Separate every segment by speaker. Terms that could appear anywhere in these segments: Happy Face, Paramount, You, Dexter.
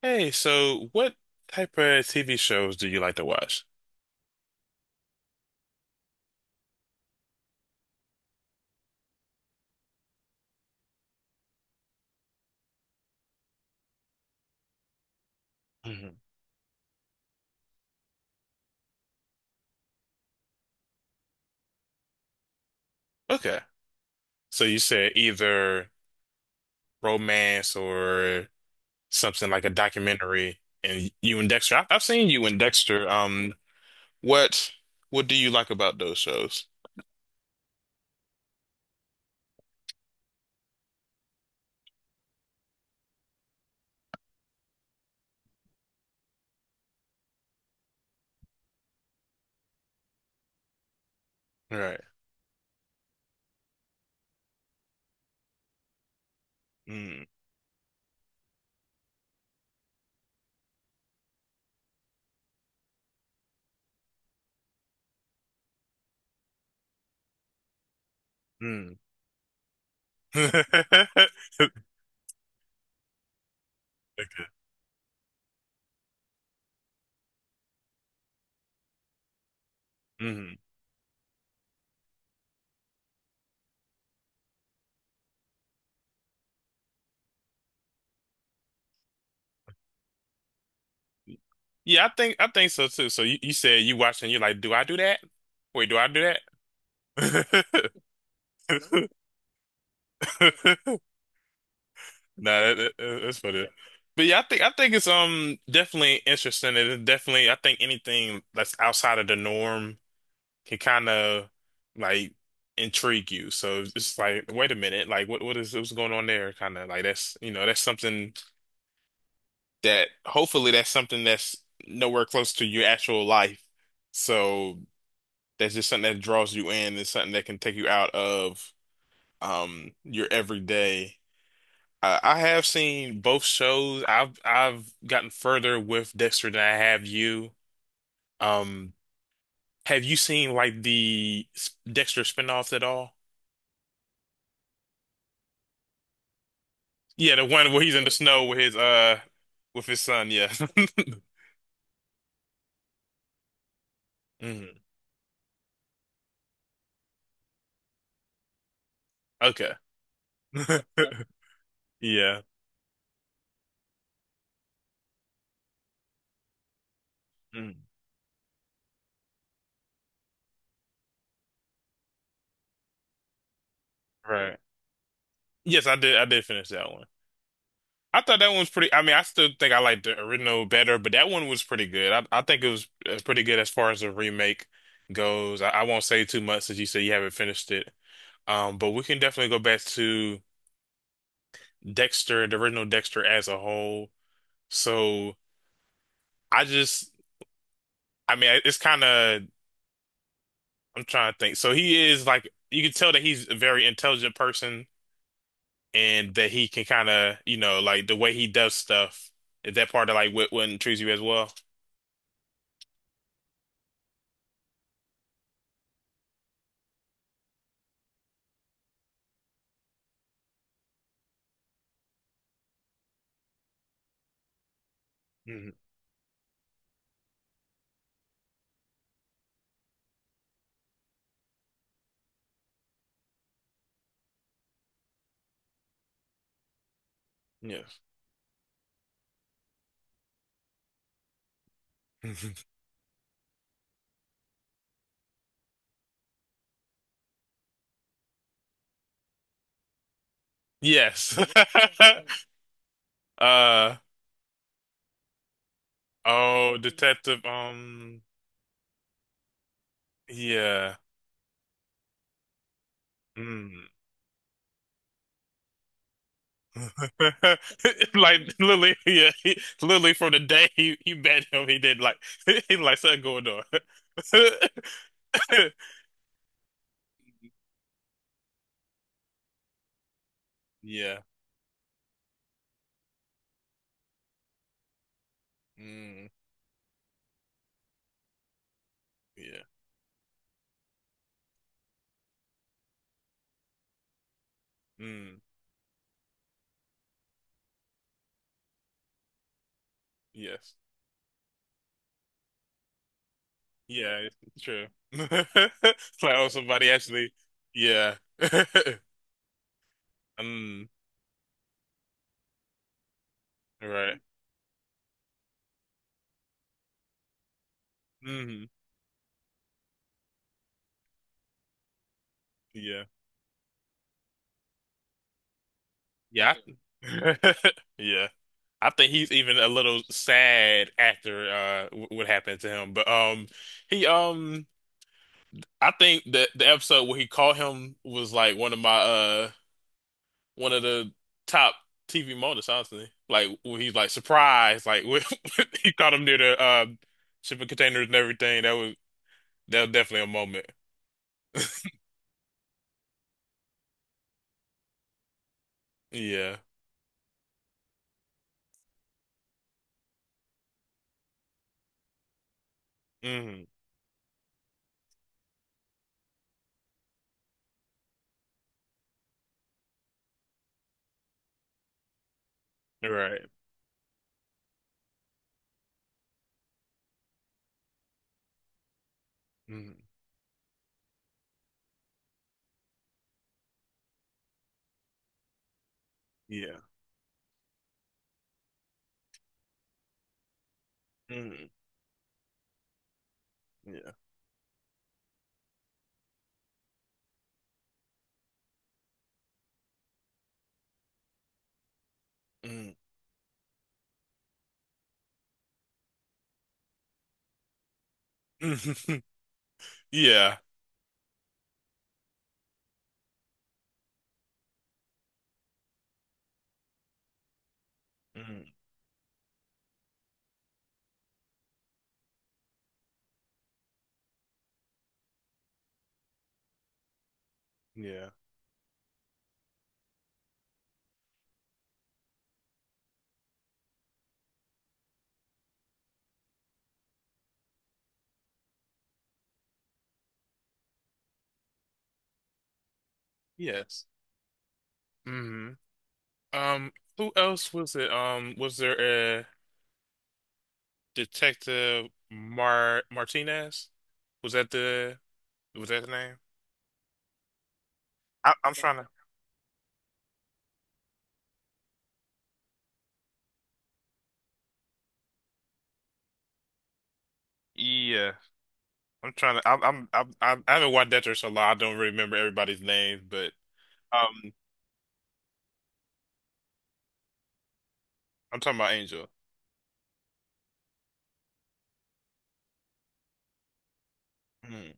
Speaker 1: Hey, so what type of TV shows do you like to watch? Hmm. Okay. So you said either romance or something like a documentary and you and Dexter. I've seen you and Dexter. What what do you like about those shows? Right. Mm-hmm. Okay. Mm-hmm. Yeah, I think so too. So you said you watching, you're like, do I do that? Wait, do I do that? Nah, that's funny. But yeah, I think it's definitely interesting. It is definitely I think anything that's outside of the norm can kind of like intrigue you. So it's just like, wait a minute, like what's going on there? Kind of like that's you know that's something that hopefully that's something that's nowhere close to your actual life. So that's just something that draws you in. It's something that can take you out of your everyday. I have seen both shows. I've gotten further with Dexter than I have you. Um, have you seen like the Dexter spinoff at all? Yeah, the one where he's in the snow with his son. Yeah. Mhm. Okay. Yeah. Mm. Right. Yes, I did. I did finish that one. I thought that one was pretty. I mean, I still think I like the original better, but that one was pretty good. I think it was pretty good as far as the remake goes. I won't say too much since you said you haven't finished it. But we can definitely go back to Dexter, the original Dexter as a whole. So I just, I mean, it's kind of, I'm trying to think. So he is like, you can tell that he's a very intelligent person and that he can kind of, like the way he does stuff. Is that part of like what intrigues you as well? Mhm. Yeah. Yes. Uh oh, detective. Yeah. Mm. Like Lily, yeah, he, Lily from the day he met him, he did like he like something going on. Yeah. Mm. Yeah. Mm. Yes. Yeah. It's true. It's like, oh, somebody actually. Yeah. Mm. Right. Mm. Yeah. Yeah. I- Yeah. I think he's even a little sad after what happened to him. But he I think that the episode where he caught him was like one of my one of the top TV moments, honestly. Like when he's like surprised, like when he caught him near the shipping containers and everything. That was definitely a moment. Yeah. Hmm. Right. Hmm. Yeah. Hmm. Yeah. Hmm. Yeah. Hmm. Yeah. Yes. Hmm. Um, who else was it? Was there a Detective Martinez? Was that the was that the name? I'm trying to. Yeah, I'm trying to. I haven't watched Dexter a lot. I don't really remember everybody's names, but um, I'm talking about Angel. Hmm.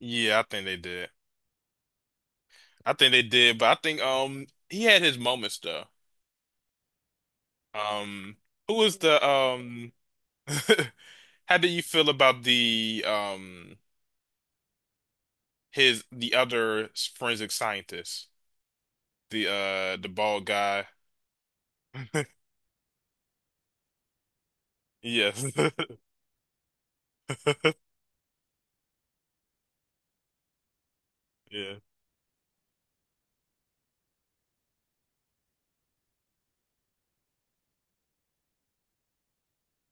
Speaker 1: Yeah, I think they did. I think they did, but I think he had his moments though. Um, who was the um? How do you feel about the um? His The other forensic scientist, the bald guy. Yes. Yeah.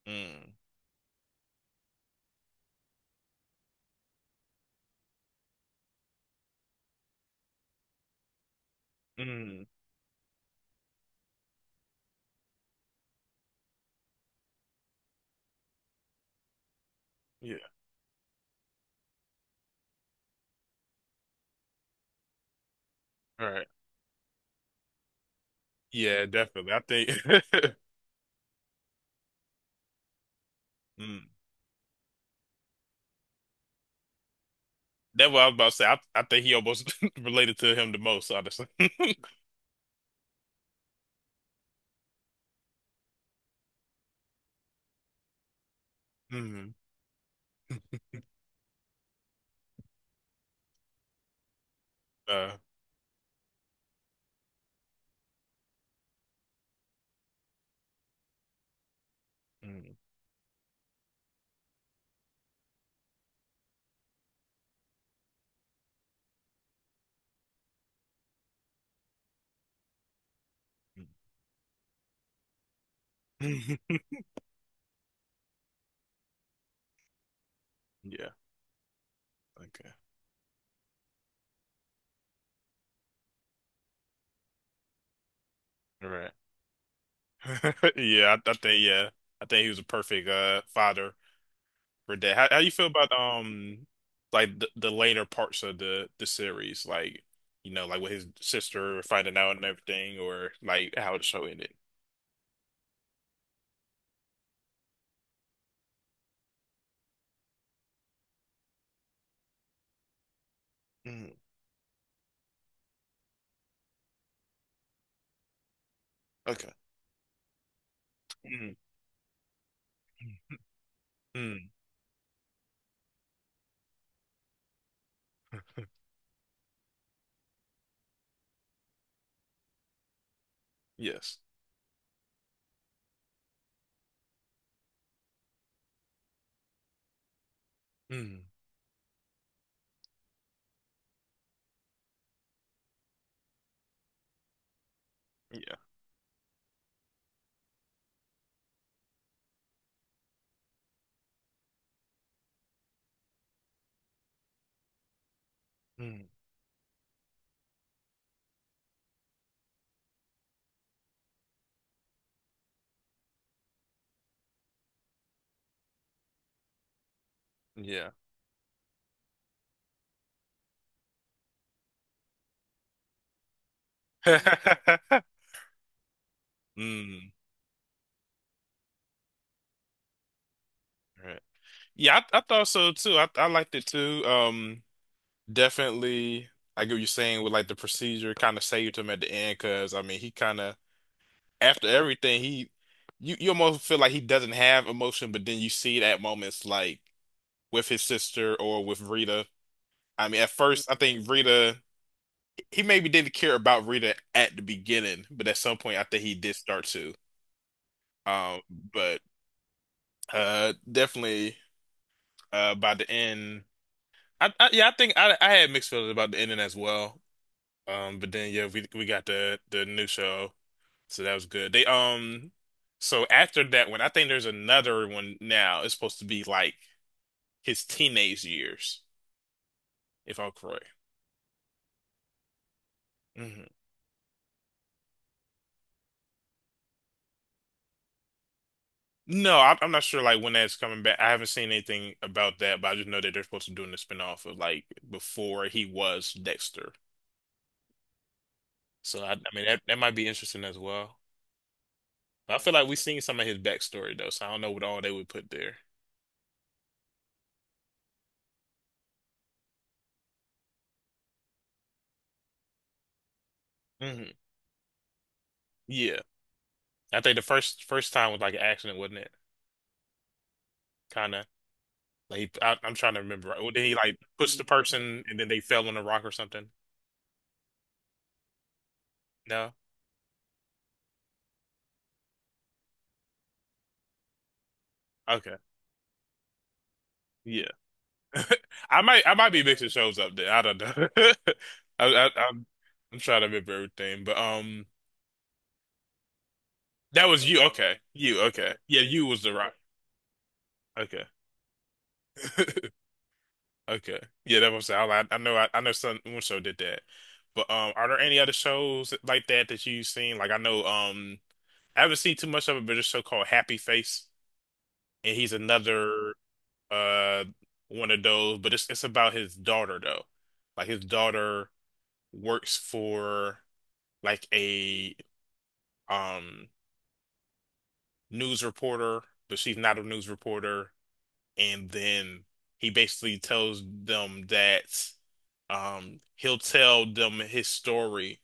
Speaker 1: Mm. Mm. Yeah. All right. Yeah, definitely. I think mm. That's what I was about to say. I think he almost related to him the most, honestly. Mm. Uh, mm. Mm. Yeah. Okay. All right. Yeah, I think yeah. I think he was a perfect father for that. How you feel about like the later parts of the series, like with his sister finding out and everything, or like how the show ended. Mm, okay. Mm, mm, yes. Mm, yeah. Mm, yeah. Mm, right. Yeah, I thought so too. I liked it too. Definitely. I get what you're saying with like the procedure kind of saved him at the end because I mean he kind of after everything he you almost feel like he doesn't have emotion, but then you see it at moments like with his sister or with Rita. I mean, at first I think Rita he maybe didn't care about Rita at the beginning, but at some point I think he did start to. Um, but definitely by the end I yeah, I think I had mixed feelings about the ending as well. But then yeah, we got the new show. So that was good. They so after that one, I think there's another one now. It's supposed to be like his teenage years, if I'm correct. Hmm. No, I'm not sure like when that's coming back. I haven't seen anything about that, but I just know that they're supposed to be doing the spinoff of like before he was Dexter. So I mean that might be interesting as well. But I feel like we've seen some of his backstory though, so I don't know what all they would put there. Hmm. Yeah, I think the first time was like an accident, wasn't it? Kind of. Like I'm trying to remember. Right? Well, did he like push the person and then they fell on a rock or something? No. Okay. Yeah. I might be mixing shows up there. I don't know. I, I I'm I'm trying to remember everything, but that was you. Okay, you. Okay, yeah, you was the rock. Okay. Okay. Yeah, that was I know some one show did that. But are there any other shows like that that you've seen? Like I know I haven't seen too much of it, but there's a show called Happy Face and he's another uh one of those, but it's about his daughter though. Like his daughter works for like a um news reporter, but she's not a news reporter. And then he basically tells them that he'll tell them his story,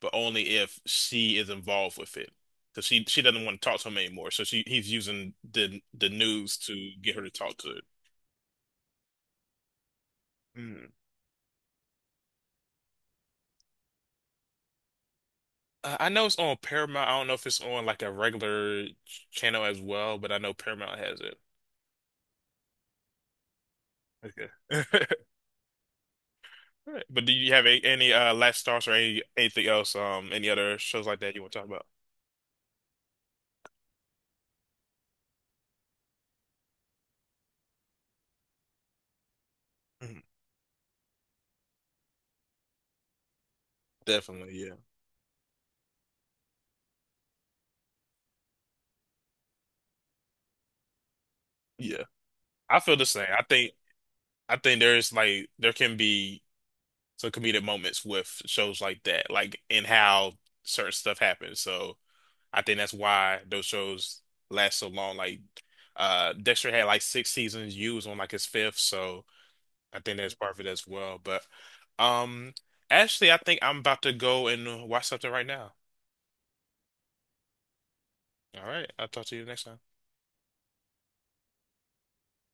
Speaker 1: but only if she is involved with it. Because she doesn't want to talk to him anymore. So she he's using the news to get her to talk to it. I know it's on Paramount. I don't know if it's on like a regular channel as well, but I know Paramount has it. Okay. All right. But do you have any last stars or anything else? Any other shows like that you want to talk about? Mhm. Definitely, yeah, yeah. I feel the same. I think there's like there can be some comedic moments with shows like that, like in how certain stuff happens. So I think that's why those shows last so long. Like, Dexter had like six seasons. You was on like his fifth, so. I think that's part of it as well. But um, actually, I think I'm about to go and watch something right now. All right, I'll talk to you next time.